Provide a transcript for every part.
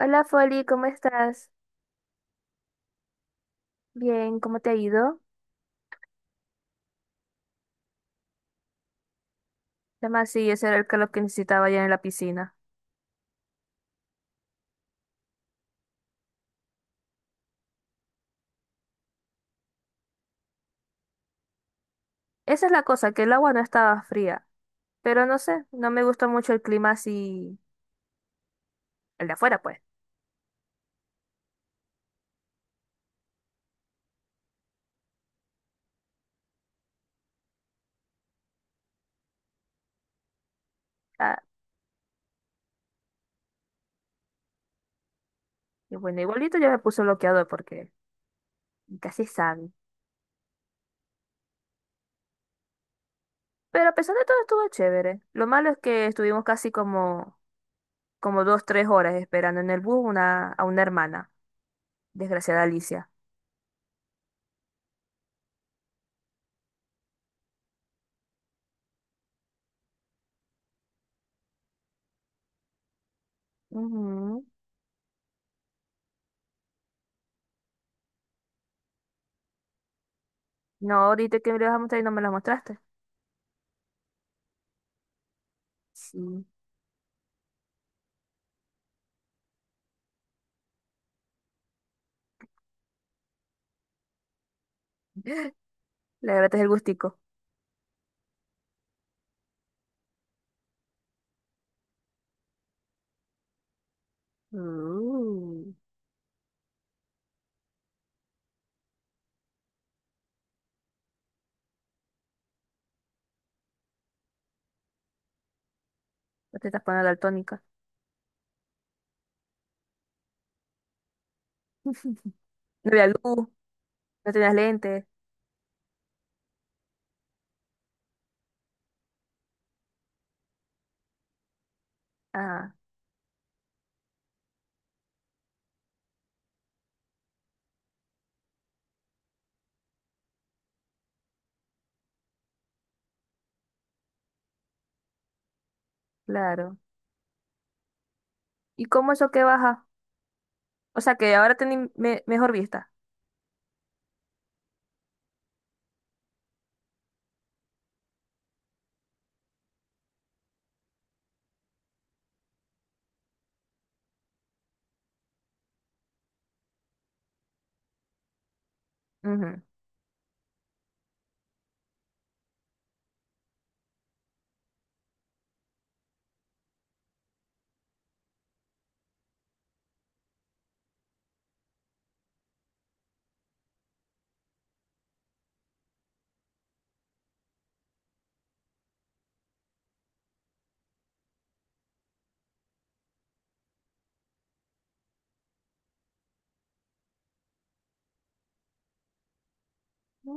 Hola Foli, ¿cómo estás? Bien, ¿cómo te ha ido? Además, sí, ese era el calor que necesitaba allá en la piscina. Esa es la cosa, que el agua no estaba fría, pero no sé, no me gusta mucho el clima así, el de afuera pues. Ah, y bueno, igualito yo me puse bloqueador porque casi sabe. Pero a pesar de todo estuvo chévere. Lo malo es que estuvimos casi como dos, tres horas esperando en el bus a una hermana, desgraciada Alicia. Ujú. No, ahorita que me lo vas a mostrar y no me la mostraste. Sí. Le agradeces el gustico. Uh, no te estás poniendo daltónica. No había luz, no tenías lentes. Ah, claro. ¿Y cómo eso que baja? O sea, que ahora tenés mejor vista. Ujú. Mm,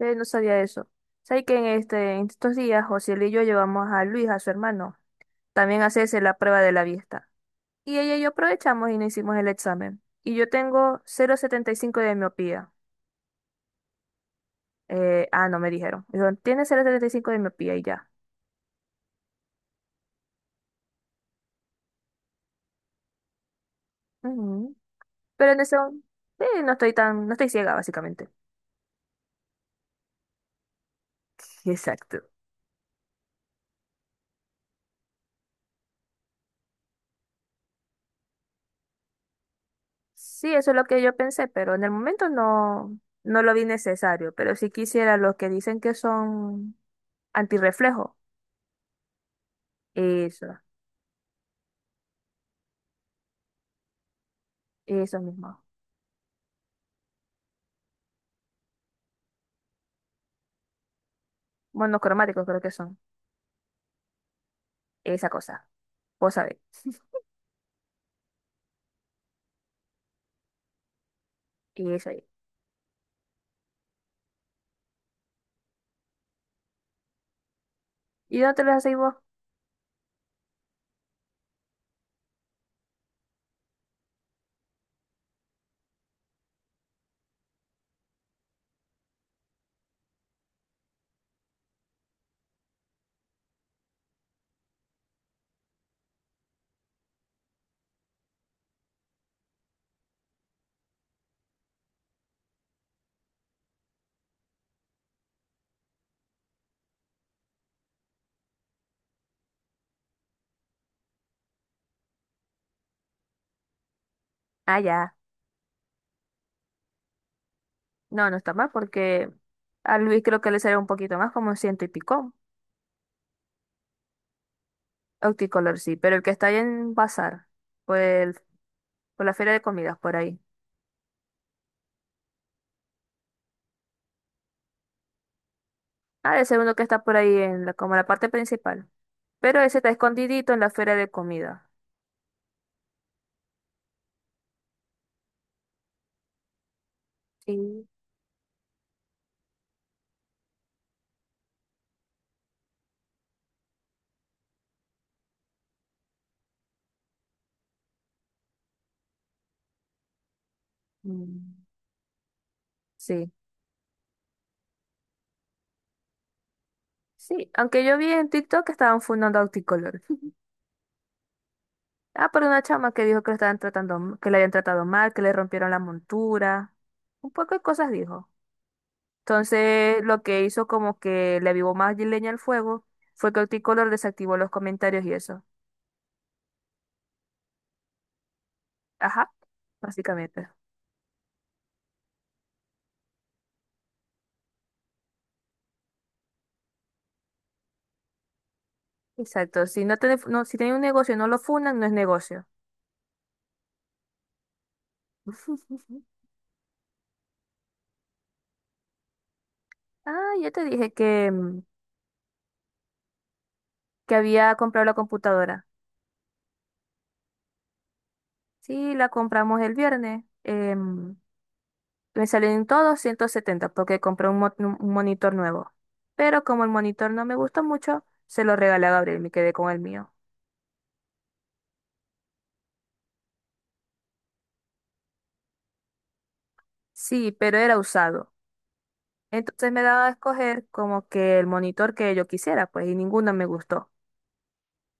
no sabía eso. ¿Sabes que en estos días José y yo llevamos a Luis, a su hermano, también a hacerse la prueba de la vista? Y ella y yo aprovechamos y nos hicimos el examen. Y yo tengo 0,75 de miopía. No, me dijeron. Dijeron, tiene 0,75 de miopía y ya. Ujú. Pero en eso, sí, no estoy ciega, básicamente. Exacto. Sí, eso es lo que yo pensé, pero en el momento no, no lo vi necesario. Pero si quisiera los que dicen que son antirreflejo, eso, eso mismo. Monocromáticos creo que son, esa cosa. Vos sabés. Y eso ahí. ¿Y dónde te los hacéis vos? Ah, ya. No, no está mal porque a Luis creo que le sale un poquito más, como un ciento y pico. Opticolor sí, pero el que está ahí en Bazar, por, el- por la feria de comidas, por ahí. Ah, el segundo que está por ahí en como la parte principal. Pero ese está escondidito en la feria de comida. Sí. Mm. Sí, sí. Aunque yo vi en TikTok que estaban fundando Auticolor. Ah, por una chama que dijo que lo estaban tratando, que le habían tratado mal, que le rompieron la montura. Un poco de cosas dijo. Entonces, lo que hizo como que le avivó más leña al fuego fue que Auticolor desactivó los comentarios y eso. Ajá, básicamente. Exacto. Si no tenés, no, si tenés un negocio y no lo fundan, no es negocio. Ah, yo te dije que había comprado la computadora. Sí, la compramos el viernes. Me salieron todos 170 porque compré un monitor nuevo. Pero como el monitor no me gustó mucho, se lo regalé a Gabriel, me quedé con el mío. Sí, pero era usado. Entonces me daba a escoger como que el monitor que yo quisiera, pues, y ninguno me gustó.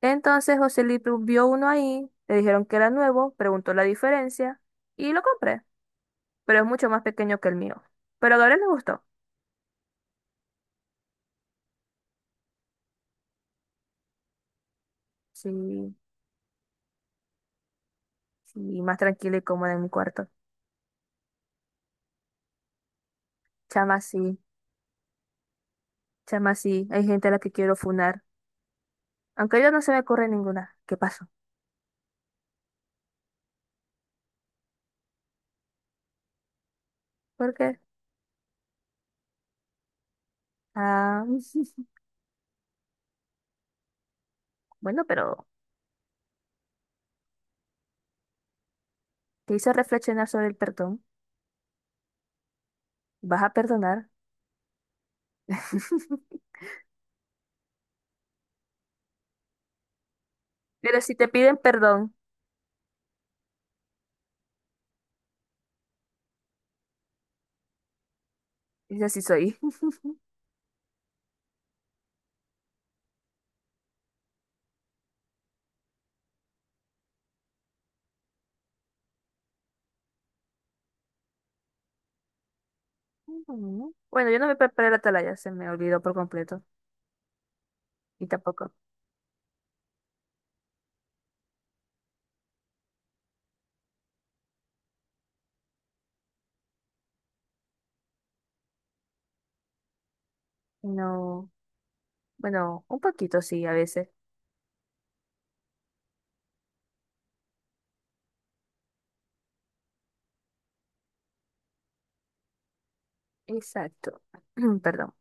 Entonces José Luis vio uno ahí, le dijeron que era nuevo, preguntó la diferencia y lo compré, pero es mucho más pequeño que el mío. Pero a Gabriel le gustó. Sí, sí, más tranquila y cómoda en mi cuarto. Chama sí, chama sí, hay gente a la que quiero funar. Aunque yo no se me ocurre ninguna. ¿Qué pasó? ¿Por qué? Ah, bueno, pero te hice reflexionar sobre el perdón. ¿Vas a perdonar? Pero si te piden perdón, es así soy. Ujú. Bueno, yo no me preparé la atalaya, se me olvidó por completo. Y tampoco. No, bueno, un poquito sí, a veces. Exacto. Perdón.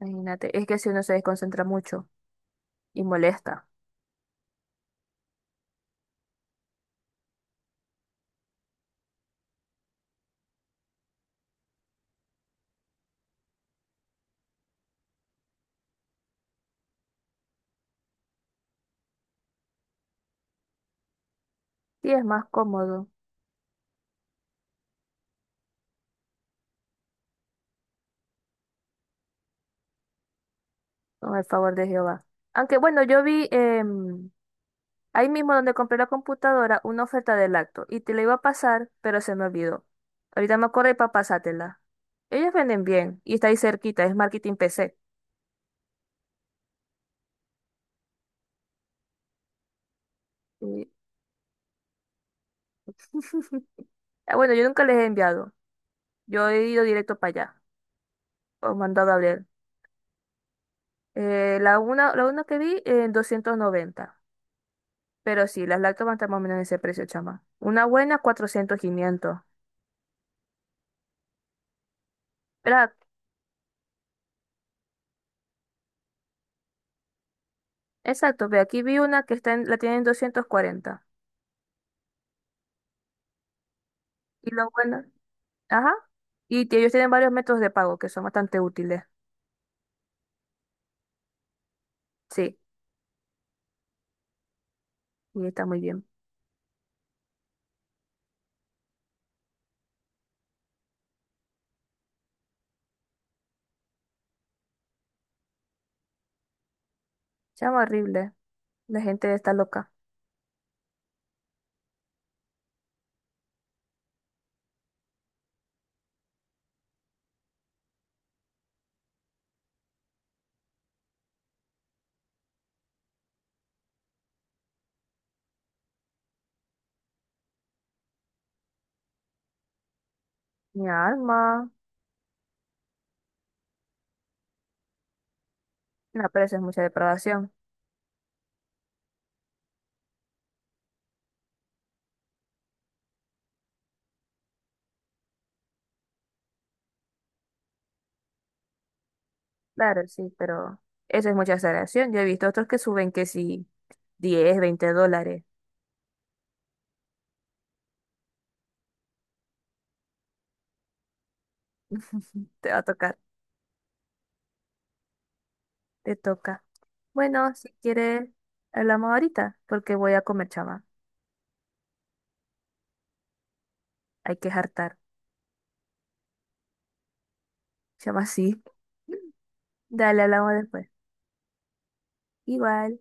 Imagínate, es que si uno se desconcentra mucho y molesta, sí es más cómodo con el favor de Jehová. Aunque bueno, yo vi ahí mismo donde compré la computadora una oferta de lacto y te la iba a pasar, pero se me olvidó. Ahorita me acordé para pasártela. Ellos venden bien y está ahí cerquita, es Marketing PC. Y- Ah, bueno, yo nunca les he enviado, yo he ido directo para allá o mandado a ver. La una que vi en 290. Pero sí, las lácteas van a estar más o menos en ese precio, chama. Una buena, 400, 500. Pero, exacto, ve, aquí vi una que la tienen en 240. Y lo bueno, ajá. Y ellos tienen varios métodos de pago que son bastante útiles. Sí, y está muy bien. Chama, horrible. La gente está loca. Mi alma. No, pero eso es mucha depravación. Claro, sí, pero eso es mucha exageración. Yo he visto otros que suben que sí, 10 20 dólares. Te va a tocar. Te toca. Bueno, si quieres, hablamos ahorita, porque voy a comer, chama. Hay que hartar. Chama, sí. Dale, hablamos después. Igual.